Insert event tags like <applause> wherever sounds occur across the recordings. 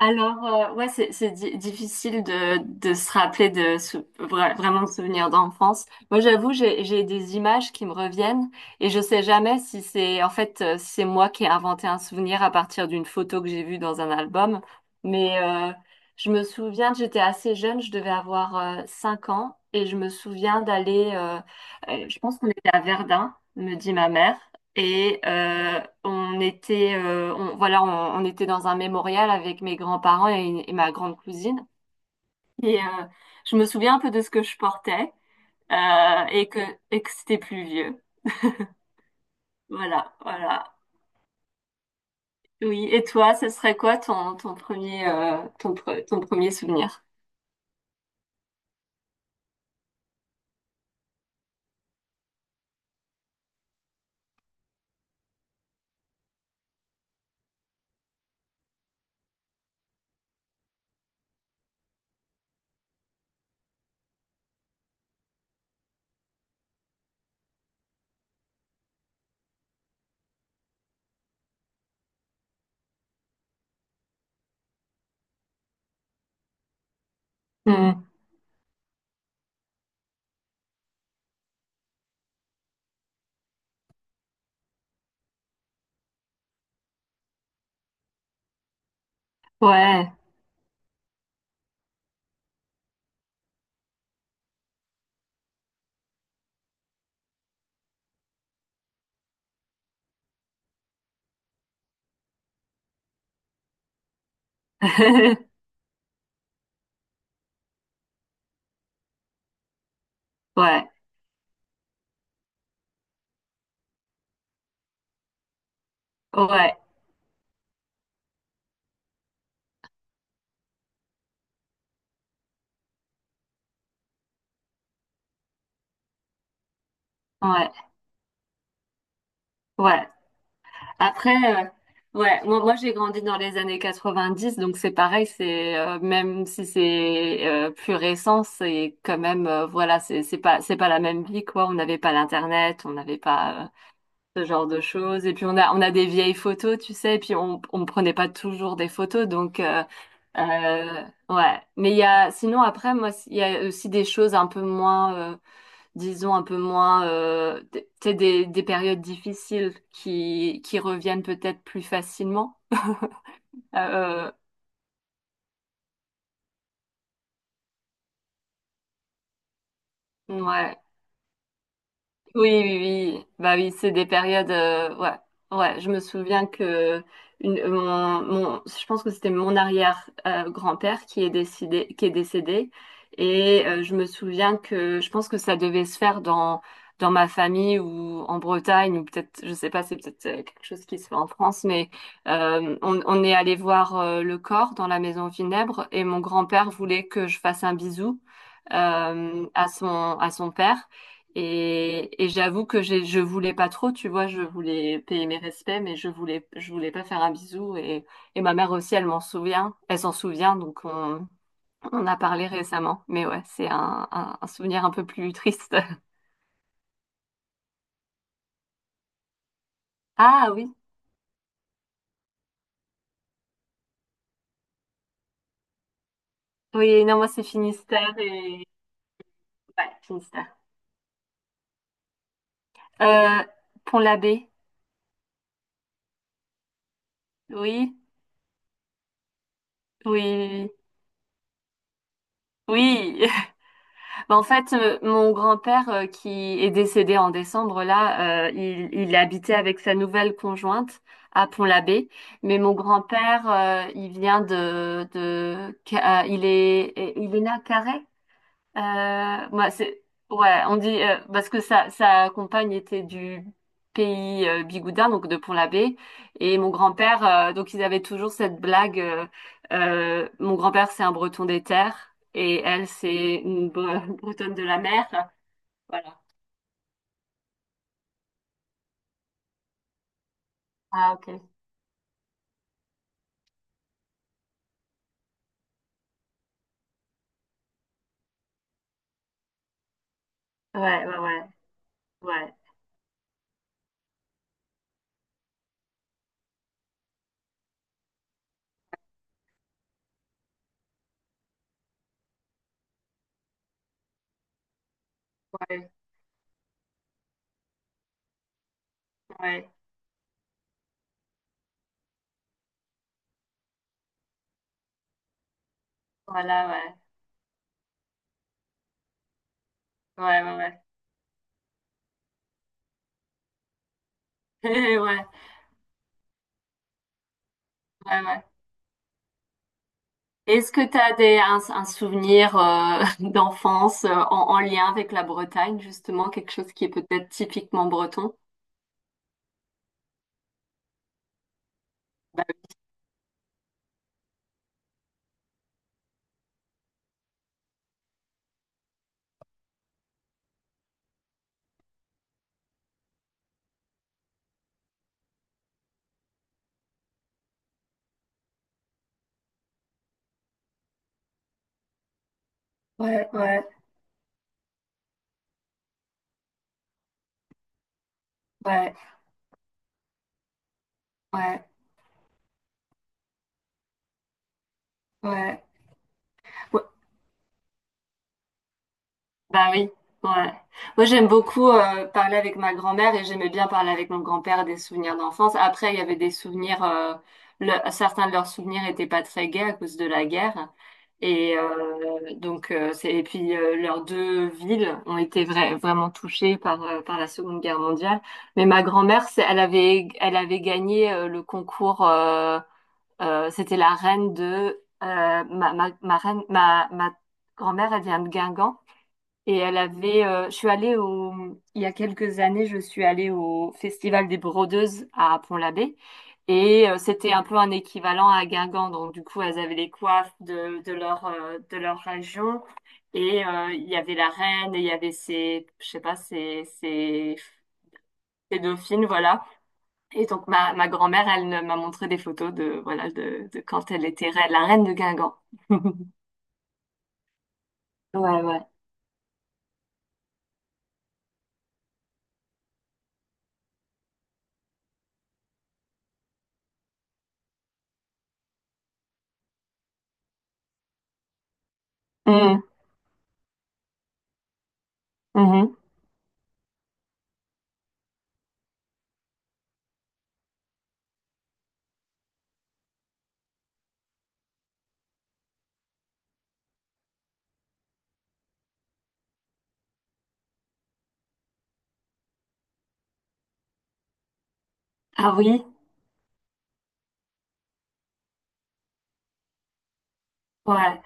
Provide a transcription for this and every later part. Ouais, c'est difficile de se rappeler vraiment de souvenirs d'enfance. Moi, j'avoue, j'ai des images qui me reviennent et je sais jamais si c'est en fait si c'est moi qui ai inventé un souvenir à partir d'une photo que j'ai vue dans un album. Mais je me souviens que j'étais assez jeune, je devais avoir 5 ans et je me souviens je pense qu'on était à Verdun, me dit ma mère. Et on était, voilà, on était dans un mémorial avec mes grands-parents et, et ma grande cousine. Et je me souviens un peu de ce que je portais euh, et que et que c'était pluvieux. Voilà, voilà. Oui. Et toi, ce serait quoi ton premier ton premier souvenir? Hmm. Ouais. <laughs> Ouais. Ouais. Ouais. Ouais. Après, ouais, moi j'ai grandi dans les années 90, donc c'est pareil, c'est même si c'est plus récent, c'est quand même, voilà, c'est pas la même vie quoi. On n'avait pas l'internet, on n'avait pas ce genre de choses, et puis on a des vieilles photos, tu sais, et puis on prenait pas toujours des photos, donc euh, ouais. Mais il y a sinon après moi il y a aussi des choses un peu moins disons, un peu moins, t- tu des périodes difficiles qui reviennent peut-être plus facilement. Euh, ouais. Oui, oui, oui. Bah oui, c'est des périodes, ouais, ouais. Je me souviens que mon, je pense que c'était mon arrière grand-père qui est décédé, qui est décédé. Et je me souviens que je pense que ça devait se faire dans ma famille ou en Bretagne ou peut-être, je sais pas, c'est peut-être quelque chose qui se fait en France, mais on est allé voir le corps dans la maison funèbre et mon grand-père voulait que je fasse un bisou à son père. J'avoue que je voulais pas trop, tu vois, je voulais payer mes respects, mais je voulais pas faire un bisou. Et ma mère aussi, elle s'en souvient, donc on a parlé récemment. Mais ouais, c'est un souvenir un peu plus triste. <laughs> Ah oui, oui, non, moi c'est Finistère et... Ouais, Finistère. Euh, Pont-l'Abbé, oui, oui, oui. Bah, en fait, mon grand-père qui est décédé en décembre, là, il habitait avec sa nouvelle conjointe à Pont-l'Abbé. Mais mon grand-père, il vient de, il est né à Carhaix. Euh, c'est ouais, on dit parce que sa compagne était du pays Bigoudin, donc de Pont-l'Abbé, et mon grand-père, donc ils avaient toujours cette blague. Mon grand-père, c'est un Breton des terres, et elle, c'est une Bre- <laughs> Bretonne de la mer. Voilà. Ah ok. Ouais, ouais, ouais, ouais, ouais, ouais. Voilà, ouais, ouais, ouais, ouais, <laughs> ouais, ouais, ouais. Est-ce que tu as un souvenir <laughs> d'enfance en lien avec la Bretagne, justement, quelque chose qui est peut-être typiquement breton? Bah, ouais, ouais, ouais, ouais, ouais. Ouais, bah oui, ouais. Moi, j'aime beaucoup parler avec ma grand-mère et j'aimais bien parler avec mon grand-père des souvenirs d'enfance. Après, il y avait des souvenirs, certains de leurs souvenirs étaient pas très gais à cause de la guerre. Et et puis leurs deux villes ont été vraiment touchées par par la Seconde Guerre mondiale. Mais ma grand-mère, elle avait gagné le concours, c'était la reine de ma, ma ma reine, ma ma grand-mère, elle vient de Guingamp. Et elle avait, je suis allée au, il y a quelques années, je suis allée au Festival des Brodeuses à Pont-l'Abbé. Et c'était un peu un équivalent à Guingamp. Donc, du coup, elles avaient les coiffes de leur région. Et il y avait la reine, et il y avait ses, je sais pas, ses dauphines, voilà. Et donc, ma grand-mère, elle m'a montré des photos de, voilà, de quand elle était reine, la reine de Guingamp. <laughs> Ouais, ouais. Mhm, mhm. Ah oui, ouais,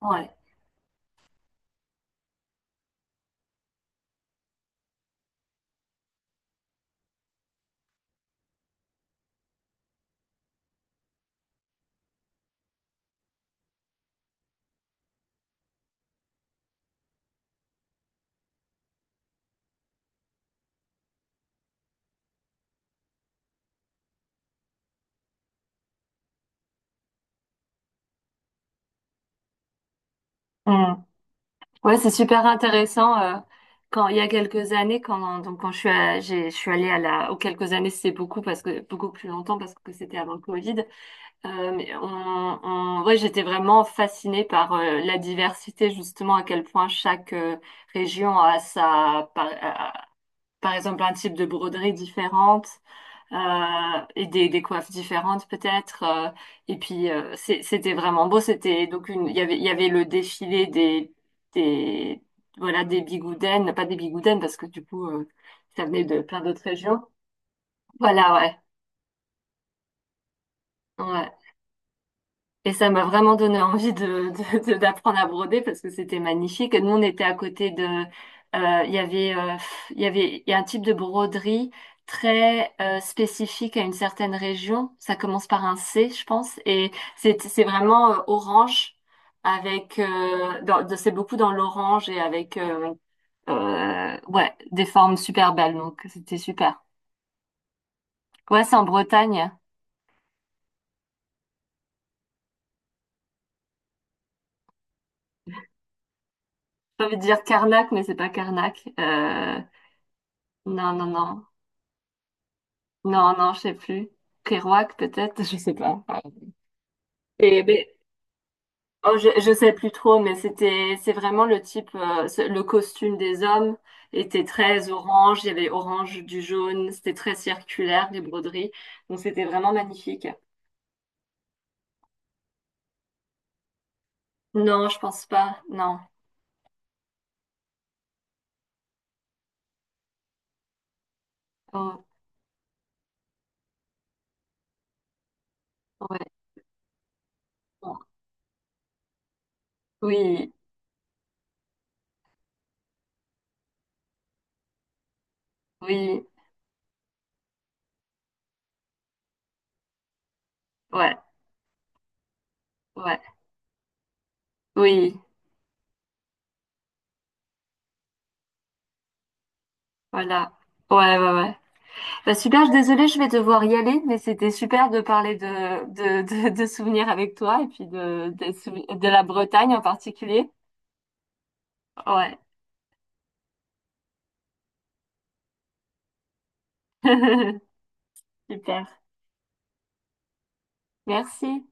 ouais. Mmh. Ouais, c'est super intéressant. Quand il y a quelques années, quand donc quand je suis à- j'ai, je suis allée à la, aux quelques années, c'est beaucoup parce que beaucoup plus longtemps parce que c'était avant le Covid. Mais ouais, j'étais vraiment fascinée par la diversité, justement à quel point chaque région a sa, par exemple un type de broderie différente, euh, et des coiffes différentes peut-être, et puis c'est- c'était vraiment beau. C'était donc une, il y avait le défilé des voilà des bigoudaines, pas des bigoudaines parce que du coup ça venait de plein d'autres régions. Voilà, ouais, ouais. Et ça m'a vraiment donné envie d'apprendre à broder parce que c'était magnifique. Et nous, on était à côté de, euh, il y avait, euh, il y avait, il y a un type de broderie très spécifique à une certaine région. Ça commence par un C, je pense, et c'est vraiment orange avec, c'est beaucoup dans l'orange et avec, ouais, des formes super belles. Donc c'était super. Ouais, c'est en Bretagne. J'ai envie de dire Carnac, mais c'est pas Carnac. Non, non, non. Non, non, je sais plus. Kerouac, peut-être, je sais pas. Et ben, oh, je sais plus trop, mais c'était, c'est vraiment le type, le costume des hommes était très orange. Il y avait orange, du jaune. C'était très circulaire, les broderies. Donc c'était vraiment magnifique. Non, je pense pas. Non. Oh, ouais. Bon. Oui, oui, ouais, ouais, oui. Voilà. Ouais, ouais, ouais. Bah super, je désolée, je vais devoir y aller, mais c'était super de parler de souvenirs avec toi et puis de la Bretagne en particulier. Ouais, <laughs> super. Merci.